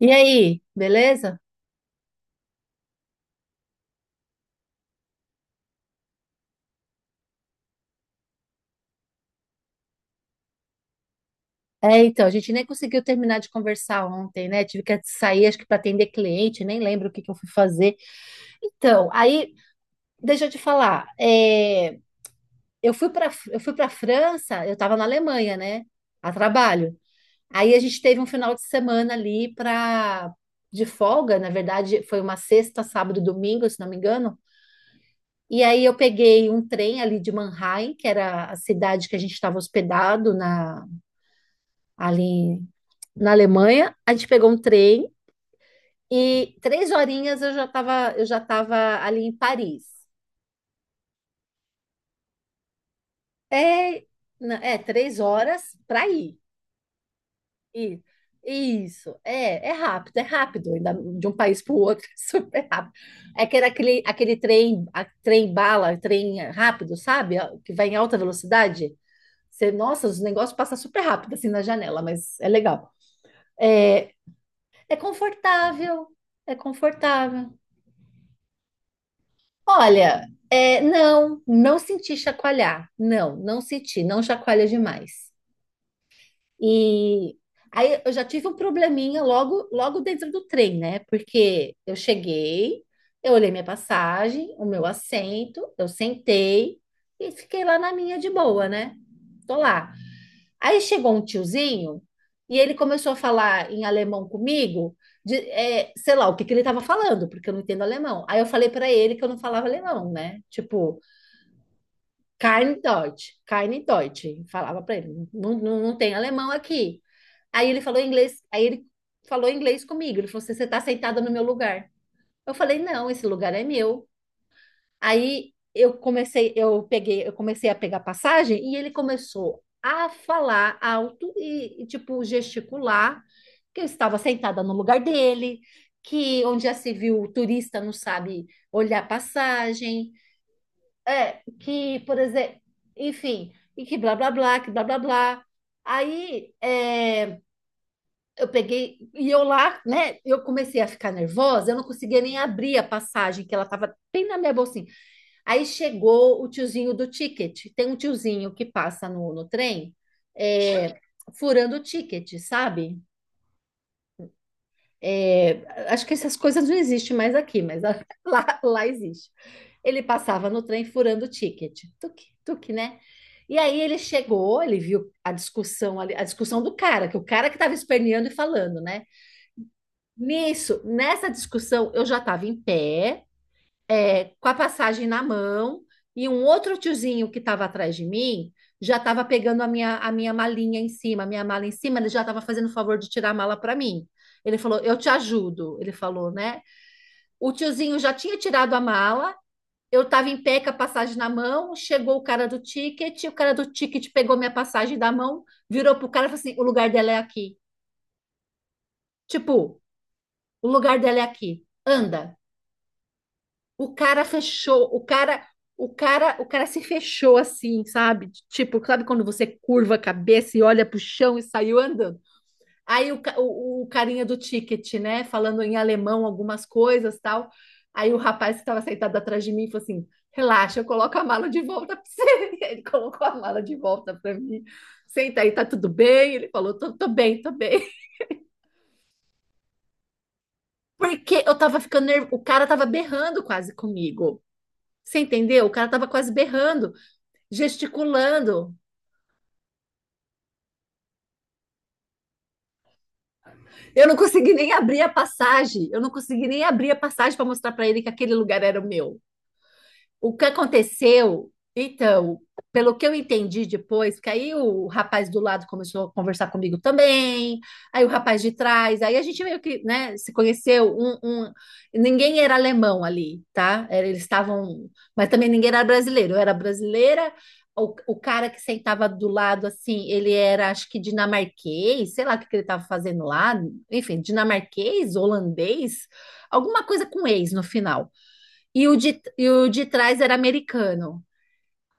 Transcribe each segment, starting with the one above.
E aí, beleza? Então, a gente nem conseguiu terminar de conversar ontem, né? Tive que sair, acho que para atender cliente, nem lembro o que que eu fui fazer. Então, aí, deixa eu te falar, eu fui para França, eu estava na Alemanha, né? A trabalho. Aí a gente teve um final de semana ali para de folga, na verdade, foi uma sexta, sábado, domingo, se não me engano. E aí eu peguei um trem ali de Mannheim, que era a cidade que a gente estava hospedado na ali na Alemanha, a gente pegou um trem e 3 horinhas eu já estava ali em Paris. É, é 3 horas para ir. E- Isso, é rápido, ainda de um país para o outro, é super rápido. É que era aquele trem, trem bala, trem rápido, sabe? Que vai em alta velocidade. Você, nossa, os negócios passam super rápido assim na janela, mas é legal. É, É confortável, é confortável. Olha, não, não senti chacoalhar. Não, não senti, não chacoalha demais. E aí eu já tive um probleminha logo, logo dentro do trem, né? Porque eu cheguei, eu olhei minha passagem, o meu assento, eu sentei e fiquei lá na minha de boa, né? Tô lá. Aí chegou um tiozinho e ele começou a falar em alemão comigo, sei lá o que que ele estava falando, porque eu não entendo alemão. Aí eu falei para ele que eu não falava alemão, né? Tipo. Keine Deutsch, keine Deutsch. Falava para ele, não, não, não tem alemão aqui. Aí ele falou inglês comigo. Ele falou assim, você está sentada no meu lugar. Eu falei, não, esse lugar é meu. Aí eu comecei a pegar passagem e ele começou a falar alto e, tipo gesticular que eu estava sentada no lugar dele, que onde já se viu o turista não sabe olhar passagem, que, por exemplo, enfim, e que blá blá blá, que blá blá blá. Aí eu peguei e eu lá, né? Eu comecei a ficar nervosa, eu não conseguia nem abrir a passagem, que ela tava bem na minha bolsinha. Aí chegou o tiozinho do ticket. Tem um tiozinho que passa no trem, é, furando o ticket, sabe? É, Acho que essas coisas não existem mais aqui, mas lá, lá existe. Ele passava no trem furando o ticket. Tuque, tuque, né? E aí ele chegou, ele viu a discussão ali, a discussão do cara, que o cara que estava esperneando e falando, né? Nisso, nessa discussão, eu já estava em pé, com a passagem na mão, e um outro tiozinho que estava atrás de mim já estava pegando a minha malinha em cima, a minha mala em cima, ele já estava fazendo o favor de tirar a mala para mim. Ele falou, eu te ajudo, ele falou, né? O tiozinho já tinha tirado a mala, eu estava em pé com a passagem na mão, chegou o cara do ticket, o cara do ticket pegou minha passagem da mão, virou pro cara e falou assim, o lugar dela é aqui. Tipo, o lugar dela é aqui, anda. O cara fechou, o cara se fechou assim, sabe? Tipo, sabe quando você curva a cabeça e olha pro chão e saiu andando? Aí o carinha do ticket, né, falando em alemão algumas coisas, tal. Aí o rapaz que estava sentado atrás de mim falou assim: "Relaxa, eu coloco a mala de volta para você". Ele colocou a mala de volta para mim. Senta aí, tá tudo bem? Ele falou: "Tô bem, tô bem". Porque eu tava ficando nervoso, o cara tava berrando quase comigo. Você entendeu? O cara tava quase berrando. Gesticulando. Eu não consegui nem abrir a passagem. Eu não consegui nem abrir a passagem para mostrar para ele que aquele lugar era o meu. O que aconteceu, então, pelo que eu entendi depois, que aí o rapaz do lado começou a conversar comigo também, aí o rapaz de trás, aí a gente meio que, né, se conheceu, ninguém era alemão ali, tá? Eles estavam, mas também ninguém era brasileiro, eu era brasileira, o cara que sentava do lado, assim, ele era, acho que dinamarquês, sei lá o que que ele estava fazendo lá, enfim, dinamarquês, holandês, alguma coisa com ex no final. E o de trás era americano.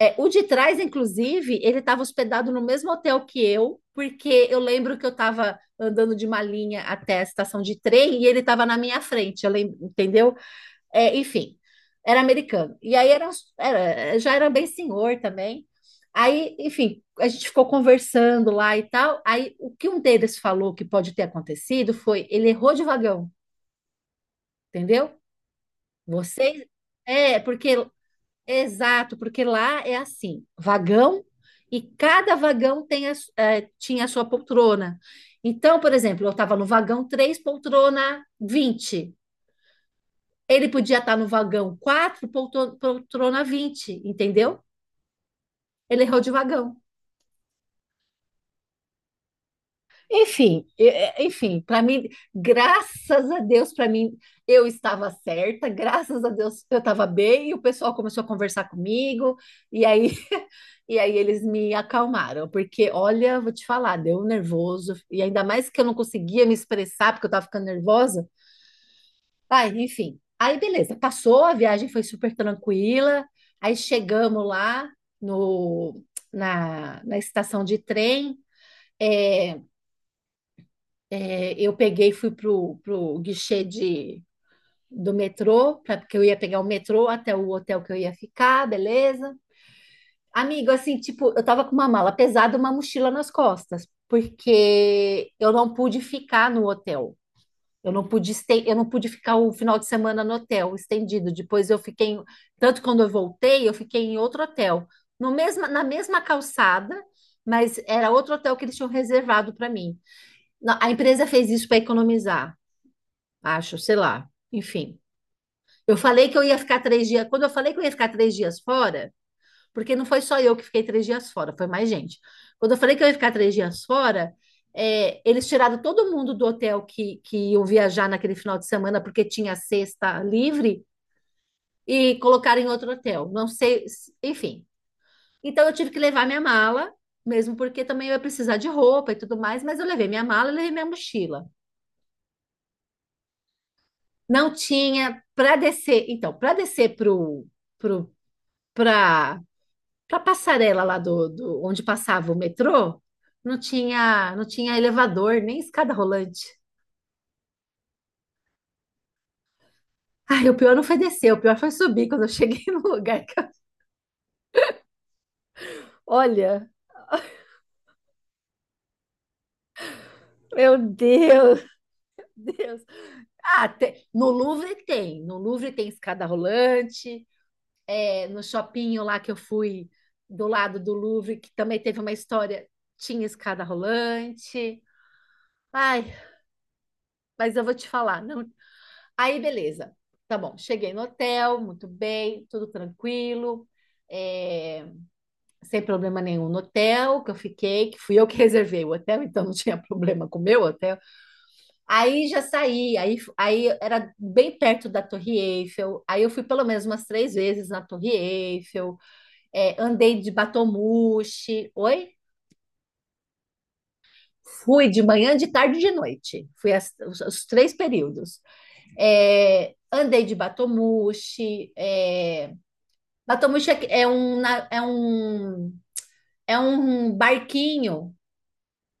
O de trás, inclusive, ele estava hospedado no mesmo hotel que eu, porque eu lembro que eu estava andando de Malinha até a estação de trem e ele estava na minha frente, eu lembro, entendeu? Enfim, era americano. E aí já era bem senhor também. Aí, enfim, a gente ficou conversando lá e tal. Aí o que um deles falou que pode ter acontecido foi ele errou de vagão, entendeu? Vocês. É, porque Exato, porque lá é assim, vagão e cada vagão tem a su- eh, tinha a sua poltrona. Então, por exemplo, eu estava no vagão 3, poltrona 20. Ele podia estar no vagão 4, poltrona 20. Entendeu? Ele errou de vagão. Enfim, enfim, para mim, graças a Deus, para mim, eu estava certa, graças a Deus, eu estava bem, e o pessoal começou a conversar comigo, e aí, e aí eles me acalmaram, porque, olha, vou te falar, deu um nervoso, e ainda mais que eu não conseguia me expressar, porque eu estava ficando nervosa. Ai, enfim, aí beleza, passou, a viagem foi super tranquila, aí chegamos lá no, na, na estação de trem, é, eu peguei e fui pro guichê do metrô, porque eu ia pegar o metrô até o hotel que eu ia ficar, beleza? Amigo, assim, tipo, eu tava com uma mala pesada, uma mochila nas costas, porque eu não pude ficar no hotel. Eu não pude ficar o final de semana no hotel, estendido. Depois eu fiquei, em- tanto quando eu voltei, eu fiquei em outro hotel, no mesma, na mesma calçada, mas era outro hotel que eles tinham reservado para mim. A empresa fez isso para economizar acho, sei lá. Enfim. Eu falei que eu ia ficar 3 dias. Quando eu falei que eu ia ficar 3 dias fora, porque não foi só eu que fiquei 3 dias fora, foi mais gente. Quando eu falei que eu ia ficar três dias fora, eles tiraram todo mundo do hotel que iam viajar naquele final de semana, porque tinha sexta livre, e colocaram em outro hotel. Não sei, enfim. Então eu tive que levar minha mala, mesmo porque também eu ia precisar de roupa e tudo mais, mas eu levei minha mala e levei minha mochila. Não tinha para descer. Então, para descer para para para passarela lá do onde passava o metrô, não tinha elevador nem escada rolante. Ai, o pior não foi descer, o pior foi subir quando eu cheguei no lugar. Olha, meu Deus, Deus. Ah, no Louvre tem, no Louvre tem escada rolante. No shopping lá que eu fui do lado do Louvre, que também teve uma história, tinha escada rolante. Ai, mas eu vou te falar, não. Aí, beleza. Tá bom, cheguei no hotel, muito bem, tudo tranquilo, é, sem problema nenhum no hotel que eu fiquei, que fui eu que reservei o hotel, então não tinha problema com o meu hotel. Aí já saí, aí era bem perto da Torre Eiffel, aí eu fui pelo menos umas três vezes na Torre Eiffel, andei de Batomushi, oi? Fui de manhã, de tarde e de noite. Fui os três períodos. Andei de Batomushi, Batomuxi é um barquinho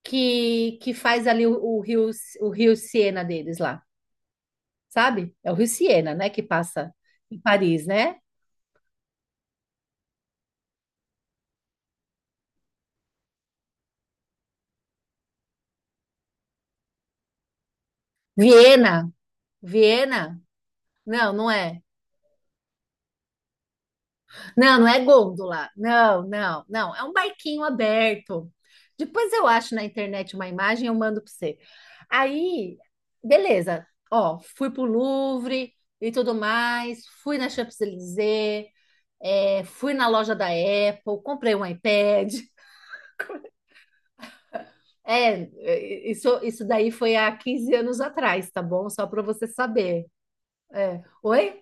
que faz ali o rio Siena deles lá, sabe? É o rio Siena, né? Que passa em Paris, né? Viena, Viena. Não, não é. Não, não é gôndola. Não, não, não. É um barquinho aberto. Depois eu acho na internet uma imagem e eu mando para você. Aí, beleza. Ó, fui pro Louvre e tudo mais. Fui na Champs-Élysées. Fui na loja da Apple. Comprei um iPad. É, isso daí foi há 15 anos atrás, tá bom? Só para você saber. É. Oi?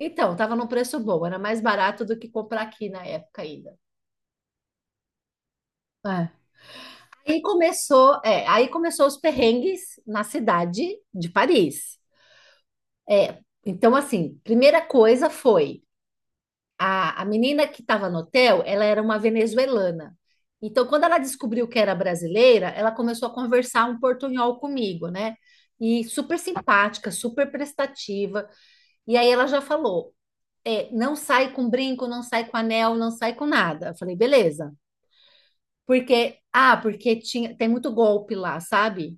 Então, tava num preço bom. Era mais barato do que comprar aqui na época ainda. Aí começou os perrengues na cidade de Paris. É, então, assim, primeira coisa foi a menina que estava no hotel, ela era uma venezuelana. Então, quando ela descobriu que era brasileira, ela começou a conversar um portunhol comigo, né? E super simpática, super prestativa. E aí ela já falou: não sai com brinco, não sai com anel, não sai com nada. Eu falei, beleza. Porque tinha, tem muito golpe lá, sabe?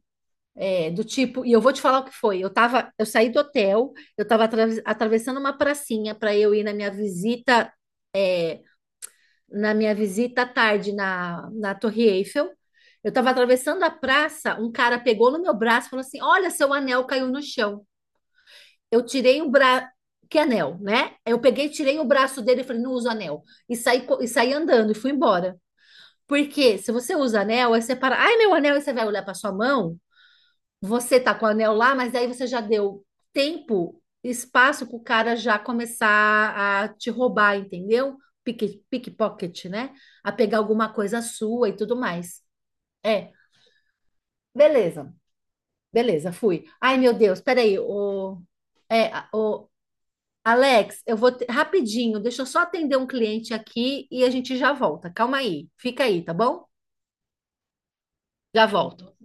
Do tipo, e eu vou te falar o que foi. Eu saí do hotel, eu estava atravessando uma pracinha para eu ir na minha visita à tarde na Torre Eiffel. Eu estava atravessando a praça, um cara pegou no meu braço e falou assim: "Olha, seu anel caiu no chão". Eu tirei o braço, que anel, né? Eu peguei, tirei o braço dele e falei: "Não uso anel". E saí andando e fui embora. Porque se você usa anel, aí você para, ai, meu anel, e você vai olhar para sua mão, você tá com o anel lá, mas aí você já deu tempo, espaço para o cara já começar a te roubar, entendeu? Pickpocket, né? A pegar alguma coisa sua e tudo mais. É, Beleza, beleza, fui. Ai, meu Deus, peraí, o Alex, eu vou rapidinho, deixa eu só atender um cliente aqui e a gente já volta. Calma aí, fica aí, tá bom? Já volto.